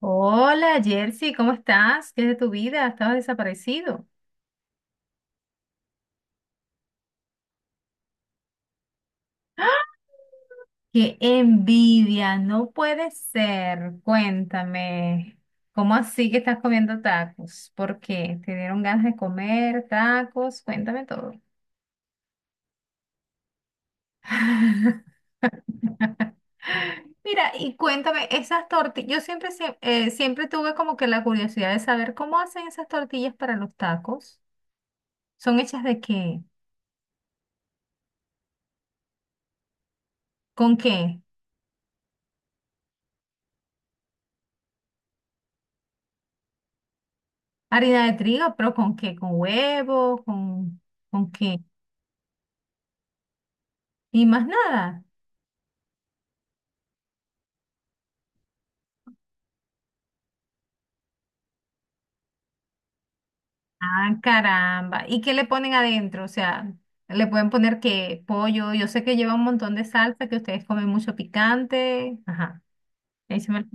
Hola, Jersey, ¿cómo estás? ¿Qué es de tu vida? Estabas desaparecido. ¡Ah! ¡Qué envidia! No puede ser. Cuéntame, ¿cómo así que estás comiendo tacos? ¿Por qué? ¿Te dieron ganas de comer tacos? Cuéntame todo. Mira, y cuéntame, esas tortillas, yo siempre, siempre tuve como que la curiosidad de saber cómo hacen esas tortillas para los tacos. ¿Son hechas de qué? ¿Con qué? Harina de trigo, pero ¿con qué? ¿Con huevo? ¿Con qué? Y más nada. Ah, caramba. ¿Y qué le ponen adentro? O sea, le pueden poner que pollo. Yo sé que lleva un montón de salsa, que ustedes comen mucho picante. Ajá. Échame- el-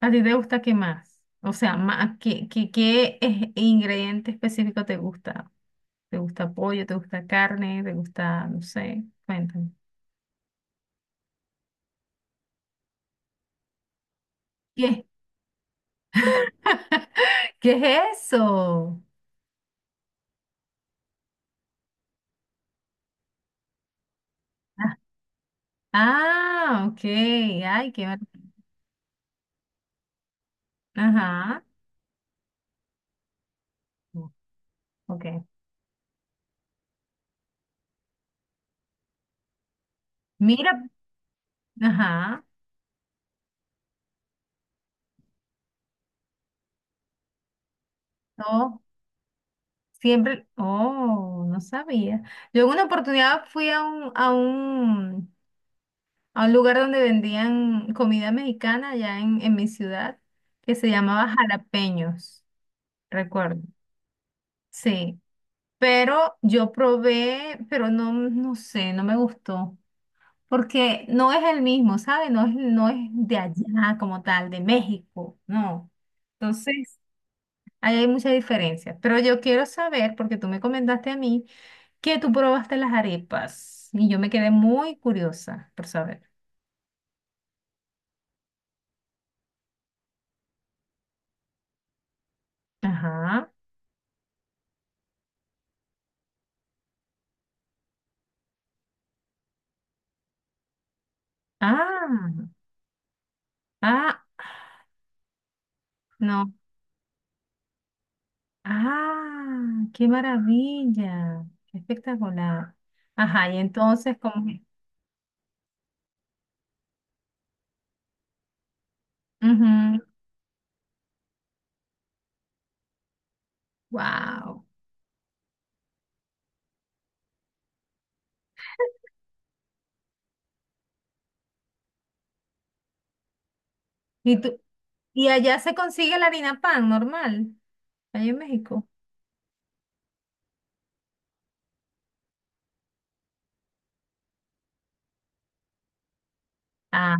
¿A ti te gusta qué más? O sea, ¿qué ingrediente específico te gusta? ¿Te gusta pollo? ¿Te gusta carne? ¿Te gusta, no sé? Cuéntame. ¿Qué? ¿Qué es eso? Ah, ah, ok. Ay, qué. Ajá. Ok. Mira, ajá. No, siempre, oh, no sabía. Yo en una oportunidad fui a un, a un, a un lugar donde vendían comida mexicana allá en mi ciudad, que se llamaba Jalapeños, recuerdo. Sí, pero yo probé, pero no, no sé, no me gustó, porque no es el mismo, ¿sabes? No es de allá como tal, de México, no. Entonces, ahí hay muchas diferencias, pero yo quiero saber, porque tú me comentaste a mí, que tú probaste las arepas y yo me quedé muy curiosa por saber. Ajá. Ah, ah, no. Ah, qué maravilla. Qué espectacular. Ajá, y entonces, como. Wow. ¿Y tú? ¿Y allá se consigue la harina pan normal? Allá en México. Ah.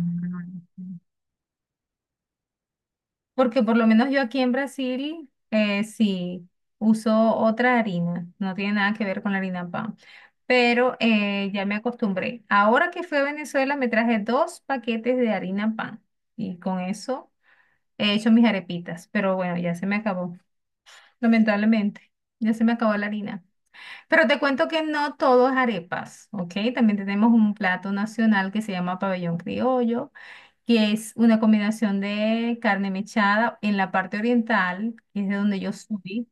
Porque por lo menos yo aquí en Brasil sí uso otra harina, no tiene nada que ver con la harina pan, pero ya me acostumbré. Ahora que fui a Venezuela me traje dos paquetes de harina pan y con eso he hecho mis arepitas, pero bueno, ya se me acabó, lamentablemente, ya se me acabó la harina. Pero te cuento que no todo es arepas, ¿ok? También tenemos un plato nacional que se llama pabellón criollo, que es una combinación de carne mechada en la parte oriental, que es de donde yo soy.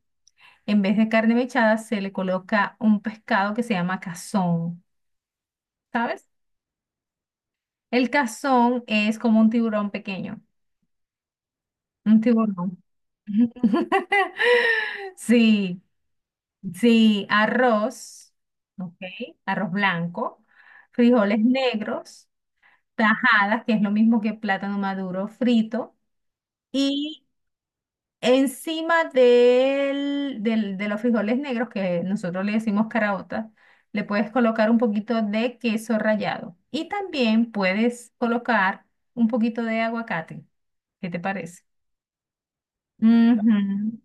En vez de carne mechada se le coloca un pescado que se llama cazón, ¿sabes? El cazón es como un tiburón pequeño, un tiburón. Sí, sí, arroz, ok, arroz blanco, frijoles negros, tajadas, que es lo mismo que plátano maduro frito, y encima de los frijoles negros, que nosotros le decimos caraotas, le puedes colocar un poquito de queso rallado. Y también puedes colocar un poquito de aguacate. ¿Qué te parece? Ujú.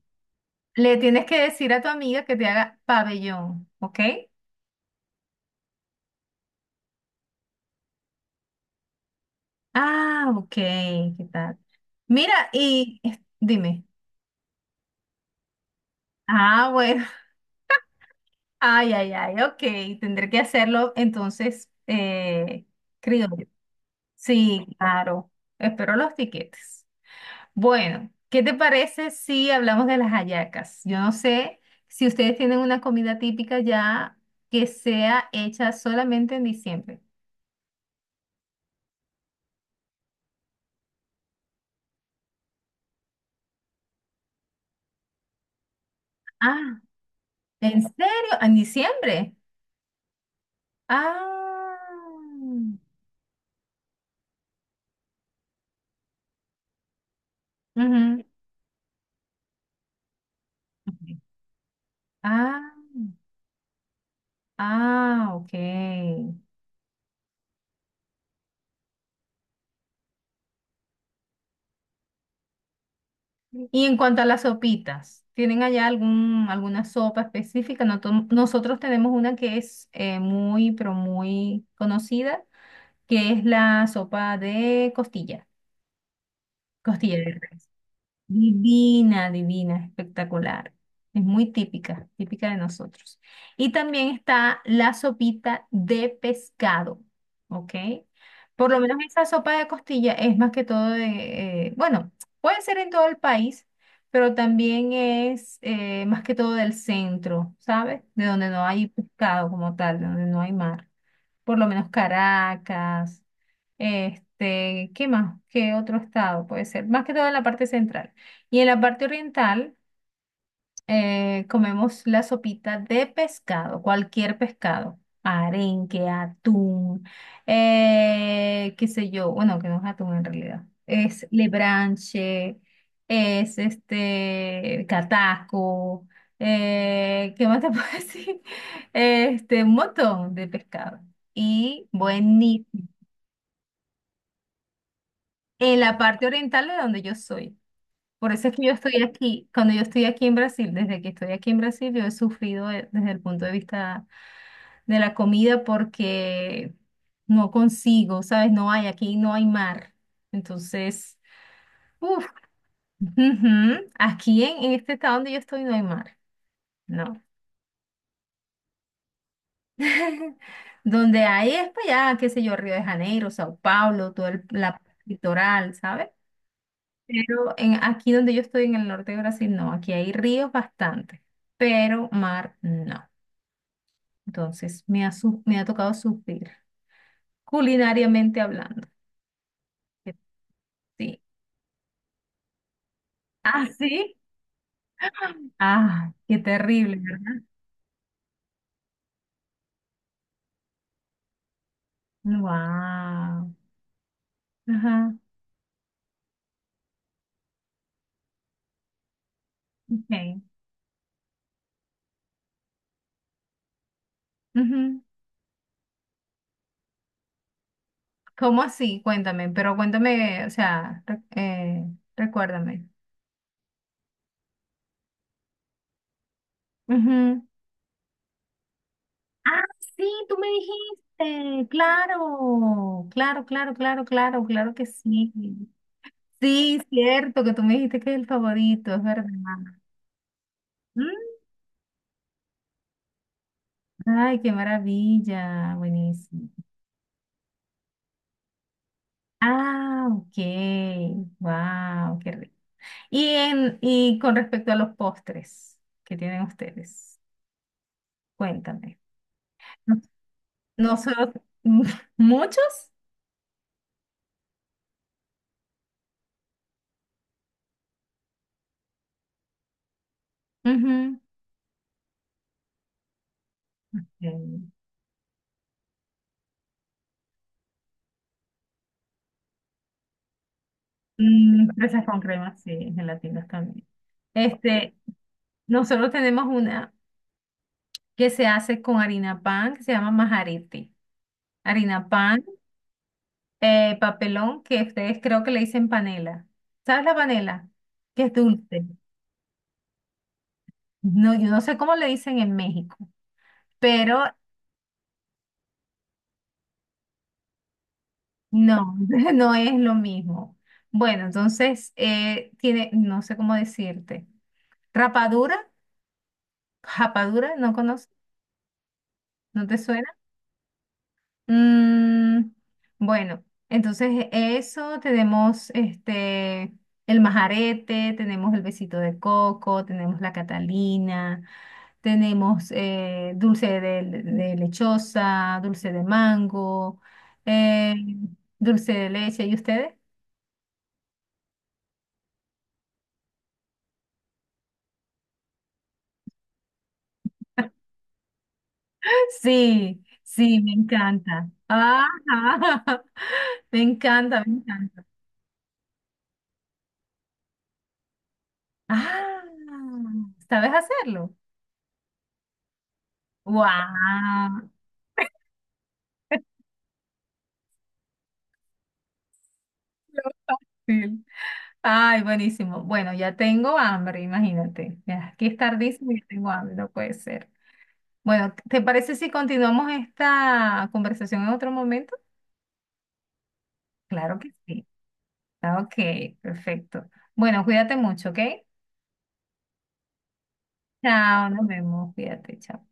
Le tienes que decir a tu amiga que te haga pabellón, ¿ok? Ah, ok, ¿qué tal? Mira, dime. Ah, bueno. Ay, ay, ay, ok. Tendré que hacerlo entonces, criollo. Sí, claro. Espero los tiquetes. Bueno, ¿qué te parece si hablamos de las hallacas? Yo no sé si ustedes tienen una comida típica ya que sea hecha solamente en diciembre. Ah, ¿en serio? ¿En diciembre? Ah. Ujú. Ah, ah, ok. Y en cuanto a las sopitas, ¿tienen allá algún, alguna sopa específica? Nosotros tenemos una que es muy, pero muy conocida, que es la sopa de costilla, costilla verde. Divina, divina, espectacular. Es muy típica, típica de nosotros. Y también está la sopita de pescado, ¿ok? Por lo menos esa sopa de costilla es más que todo bueno, puede ser en todo el país, pero también es más que todo del centro, ¿sabes? De donde no hay pescado como tal, de donde no hay mar, por lo menos Caracas, ¿qué más? ¿Qué otro estado puede ser? Más que todo en la parte central. Y en la parte oriental comemos la sopita de pescado, cualquier pescado, arenque, atún, qué sé yo, bueno, que no es atún en realidad, es lebranche, es este cataco, ¿qué más te puedo decir? Un montón de pescado. Y buenísimo. En la parte oriental de donde yo soy. Por eso es que yo estoy aquí, cuando yo estoy aquí en Brasil, desde que estoy aquí en Brasil, yo he sufrido desde el punto de vista de la comida porque no consigo, ¿sabes? No hay, aquí no hay mar. Entonces, uff, aquí en, este estado donde yo estoy no hay mar, no. Donde hay es para allá, qué sé yo, Río de Janeiro, Sao Paulo, todo el la litoral, ¿sabes? Pero aquí donde yo estoy en el norte de Brasil, no, aquí hay ríos bastante, pero mar no. Entonces, me ha tocado sufrir, culinariamente hablando. Que sí. Ah, sí. Ah, qué terrible, ¿verdad? Wow. Ajá. Okay. Ujú. ¿Cómo así? Cuéntame, pero cuéntame, o sea, recuérdame. Ujú. Ah, sí, tú me dijiste. Claro, claro, claro, claro, claro, claro que sí. Sí, cierto, que tú me dijiste que es el favorito, es verdad. Ay, qué maravilla, buenísimo. Ah, ok, wow, qué rico. Y con respecto a los postres que tienen ustedes, cuéntame. Nosotros, ¿muchos? Ujú. Mm, fresas con crema, sí, gelatinas también. Este, Nosotros tenemos una que se hace con harina pan, que se llama majarete. Harina pan. Papelón, que ustedes creo que le dicen panela. ¿Sabes la panela? Que es dulce. No, yo no sé cómo le dicen en México, pero no, no es lo mismo. Bueno, entonces tiene, no sé cómo decirte. Rapadura, japadura, ¿no conoces? ¿No te suena? Mm, bueno, entonces eso tenemos, el majarete, tenemos el besito de coco, tenemos la Catalina. Tenemos dulce de lechosa, dulce de mango, eh, dulce de leche. ¿Y ustedes? Sí, sí, me encanta. Ajá. Me encanta, me encanta. Ah, ¿sabes hacerlo? ¡Wow! Fácil. Ay, buenísimo. Bueno, ya tengo hambre, imagínate. Ya, aquí es tardísimo y ya tengo hambre, no puede ser. Bueno, ¿te parece si continuamos esta conversación en otro momento? Claro que sí. Ah, ok, perfecto. Bueno, cuídate mucho, ¿ok? Chao, nos vemos, cuídate, chao.